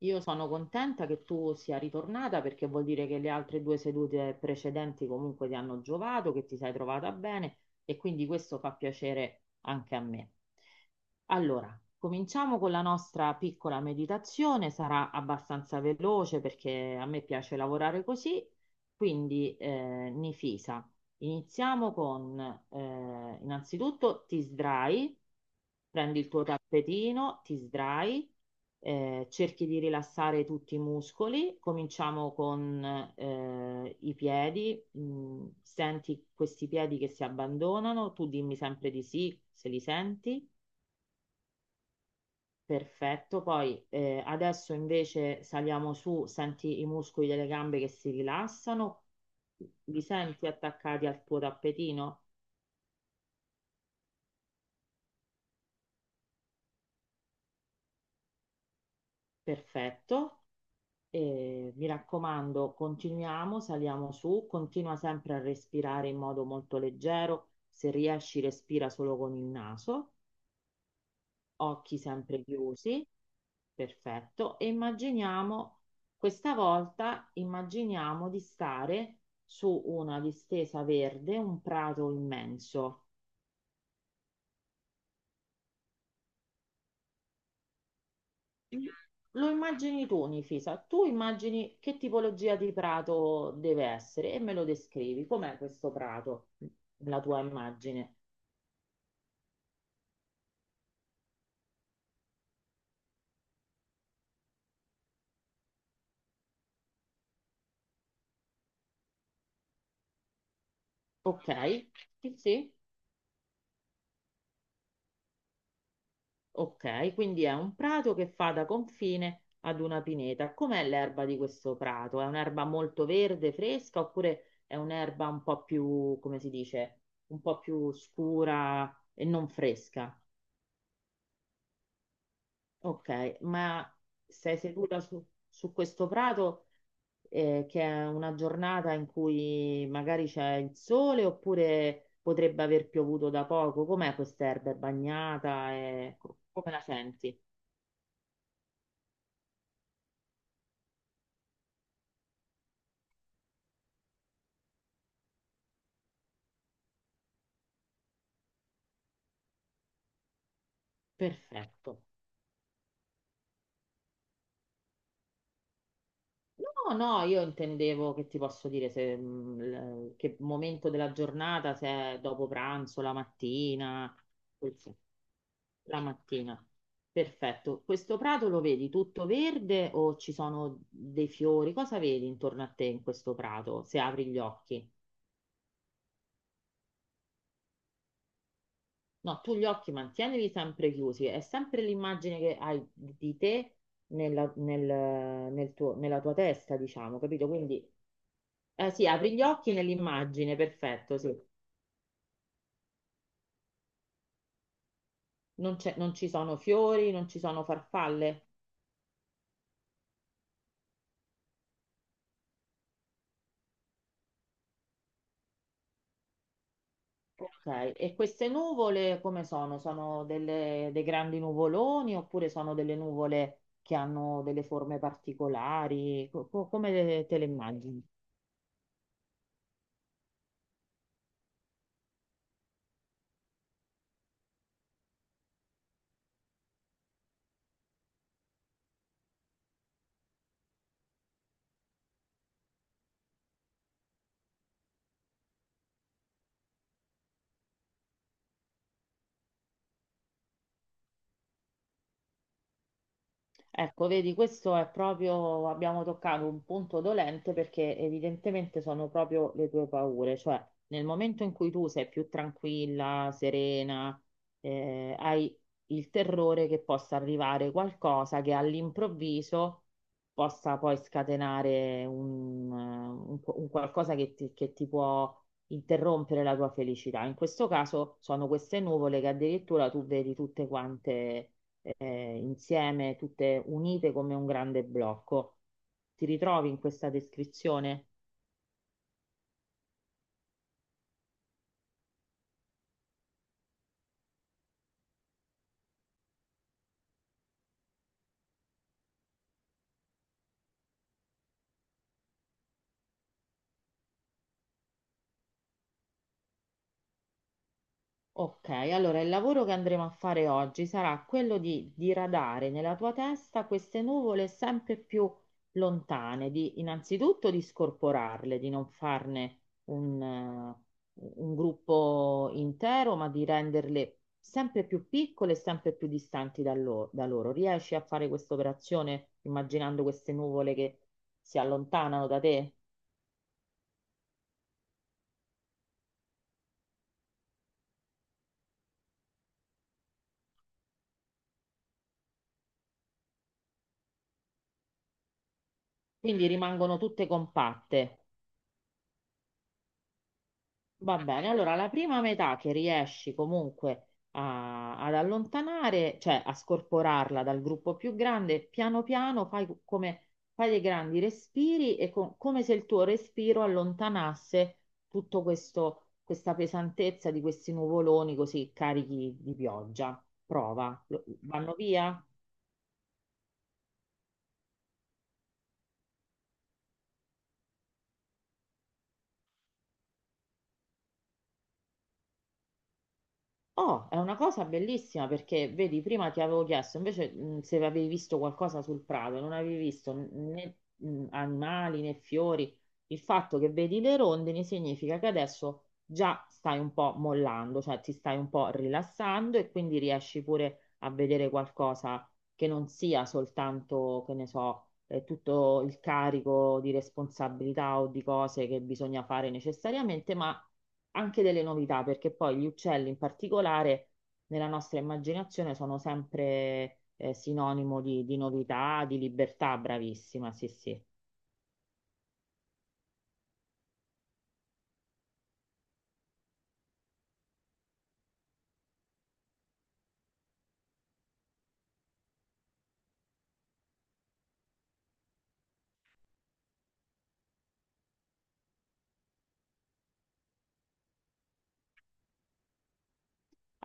Io sono contenta che tu sia ritornata perché vuol dire che le altre due sedute precedenti comunque ti hanno giovato, che ti sei trovata bene e quindi questo fa piacere anche a me. Allora, cominciamo con la nostra piccola meditazione, sarà abbastanza veloce perché a me piace lavorare così, quindi Nifisa, iniziamo con innanzitutto ti sdrai, prendi il tuo tappetino, ti sdrai cerchi di rilassare tutti i muscoli, cominciamo con i piedi. Senti questi piedi che si abbandonano, tu dimmi sempre di sì se li senti, perfetto, poi adesso invece saliamo su, senti i muscoli delle gambe che si rilassano, li senti attaccati al tuo tappetino, perfetto. E mi raccomando, continuiamo, saliamo su, continua sempre a respirare in modo molto leggero. Se riesci, respira solo con il naso, occhi sempre chiusi, perfetto. E immaginiamo, questa volta, immaginiamo di stare su una distesa verde, un prato immenso. Lo immagini tu, Nifisa, tu immagini che tipologia di prato deve essere e me lo descrivi. Com'è questo prato, la tua immagine? Ok, sì, sì, ok, quindi è un prato che fa da confine ad una pineta. Com'è l'erba di questo prato? È un'erba molto verde, fresca, oppure è un'erba un po' più, come si dice, un po' più scura e non fresca? Ok, ma sei seduta su questo prato? Che è una giornata in cui magari c'è il sole oppure potrebbe aver piovuto da poco. Com'è quest'erba? È bagnata? Come la senti? Perfetto. No, no, io intendevo che ti posso dire se, che momento della giornata, se è dopo pranzo, la mattina, quel sì, la mattina. Perfetto. Questo prato lo vedi tutto verde o ci sono dei fiori? Cosa vedi intorno a te in questo prato se apri gli occhi? No, tu gli occhi mantienili sempre chiusi, è sempre l'immagine che hai di te nella, nel- nel nella tua testa, diciamo, capito? Quindi, sì, apri gli occhi nell'immagine, perfetto, sì. Non ci sono fiori, non ci sono farfalle. Ok, e queste nuvole come sono? Sono dei grandi nuvoloni oppure sono delle nuvole che hanno delle forme particolari? Come te le immagini? Ecco, vedi, questo è proprio, abbiamo toccato un punto dolente perché evidentemente sono proprio le tue paure, cioè nel momento in cui tu sei più tranquilla, serena, hai il terrore che possa arrivare qualcosa che all'improvviso possa poi scatenare un qualcosa che che ti può interrompere la tua felicità. In questo caso sono queste nuvole che addirittura tu vedi tutte quante insieme, tutte unite come un grande blocco. Ti ritrovi in questa descrizione? Ok, allora il lavoro che andremo a fare oggi sarà quello di diradare nella tua testa queste nuvole sempre più lontane, di innanzitutto di scorporarle, di non farne un, eh, un gruppo intero, ma di renderle sempre più piccole e sempre più distanti da, da loro. Riesci a fare questa operazione immaginando queste nuvole che si allontanano da te? Quindi rimangono tutte compatte. Va bene, allora la prima metà che riesci comunque ad allontanare, cioè a scorporarla dal gruppo più grande, piano piano fai dei grandi respiri e come se il tuo respiro allontanasse tutto questo, questa pesantezza di questi nuvoloni così carichi di pioggia. Prova, vanno via? Oh, è una cosa bellissima perché vedi, prima ti avevo chiesto invece se avevi visto qualcosa sul prato, non avevi visto né animali né fiori. Il fatto che vedi le rondini significa che adesso già stai un po' mollando, cioè ti stai un po' rilassando e quindi riesci pure a vedere qualcosa che non sia soltanto, che ne so, tutto il carico di responsabilità o di cose che bisogna fare necessariamente, ma anche delle novità, perché poi gli uccelli in particolare nella nostra immaginazione sono sempre sinonimo di novità, di libertà, bravissima, sì, sì.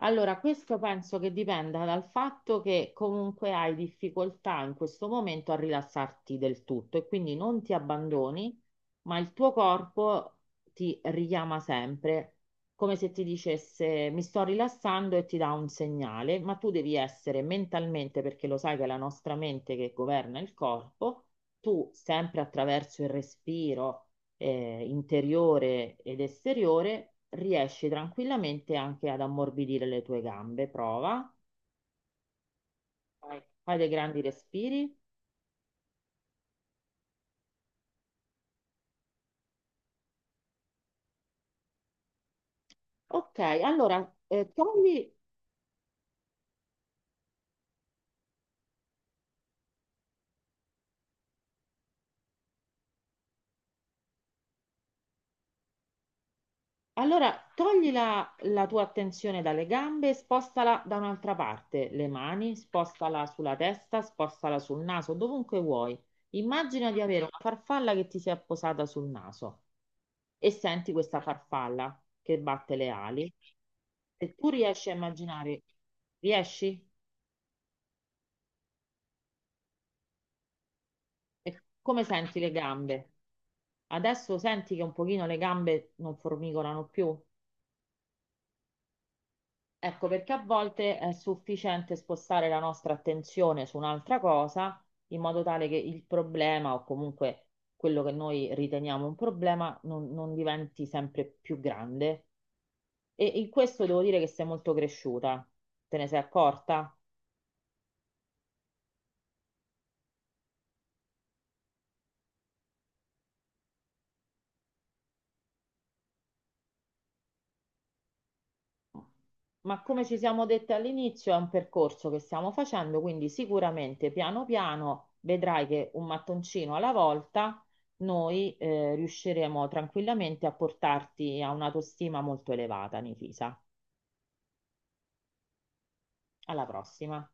Allora, questo penso che dipenda dal fatto che comunque hai difficoltà in questo momento a rilassarti del tutto e quindi non ti abbandoni, ma il tuo corpo ti richiama sempre, come se ti dicesse mi sto rilassando e ti dà un segnale, ma tu devi essere mentalmente, perché lo sai che è la nostra mente che governa il corpo, tu sempre attraverso il respiro interiore ed esteriore, riesci tranquillamente anche ad ammorbidire le tue gambe. Prova, vai. Fai dei grandi respiri. Ok, allora eh, togli Allora, togli la tua attenzione dalle gambe, e spostala da un'altra parte, le mani, spostala sulla testa, spostala sul naso, dovunque vuoi. Immagina di avere una farfalla che ti si è posata sul naso e senti questa farfalla che batte le ali. Se tu riesci a immaginare, riesci? E come senti le gambe? Adesso senti che un pochino le gambe non formicolano più? Ecco, perché a volte è sufficiente spostare la nostra attenzione su un'altra cosa in modo tale che il problema o comunque quello che noi riteniamo un problema non diventi sempre più grande. E in questo devo dire che sei molto cresciuta. Te ne sei accorta? Ma come ci siamo dette all'inizio, è un percorso che stiamo facendo, quindi sicuramente piano piano vedrai che un mattoncino alla volta noi riusciremo tranquillamente a portarti a un'autostima molto elevata, Nifisa. Alla prossima.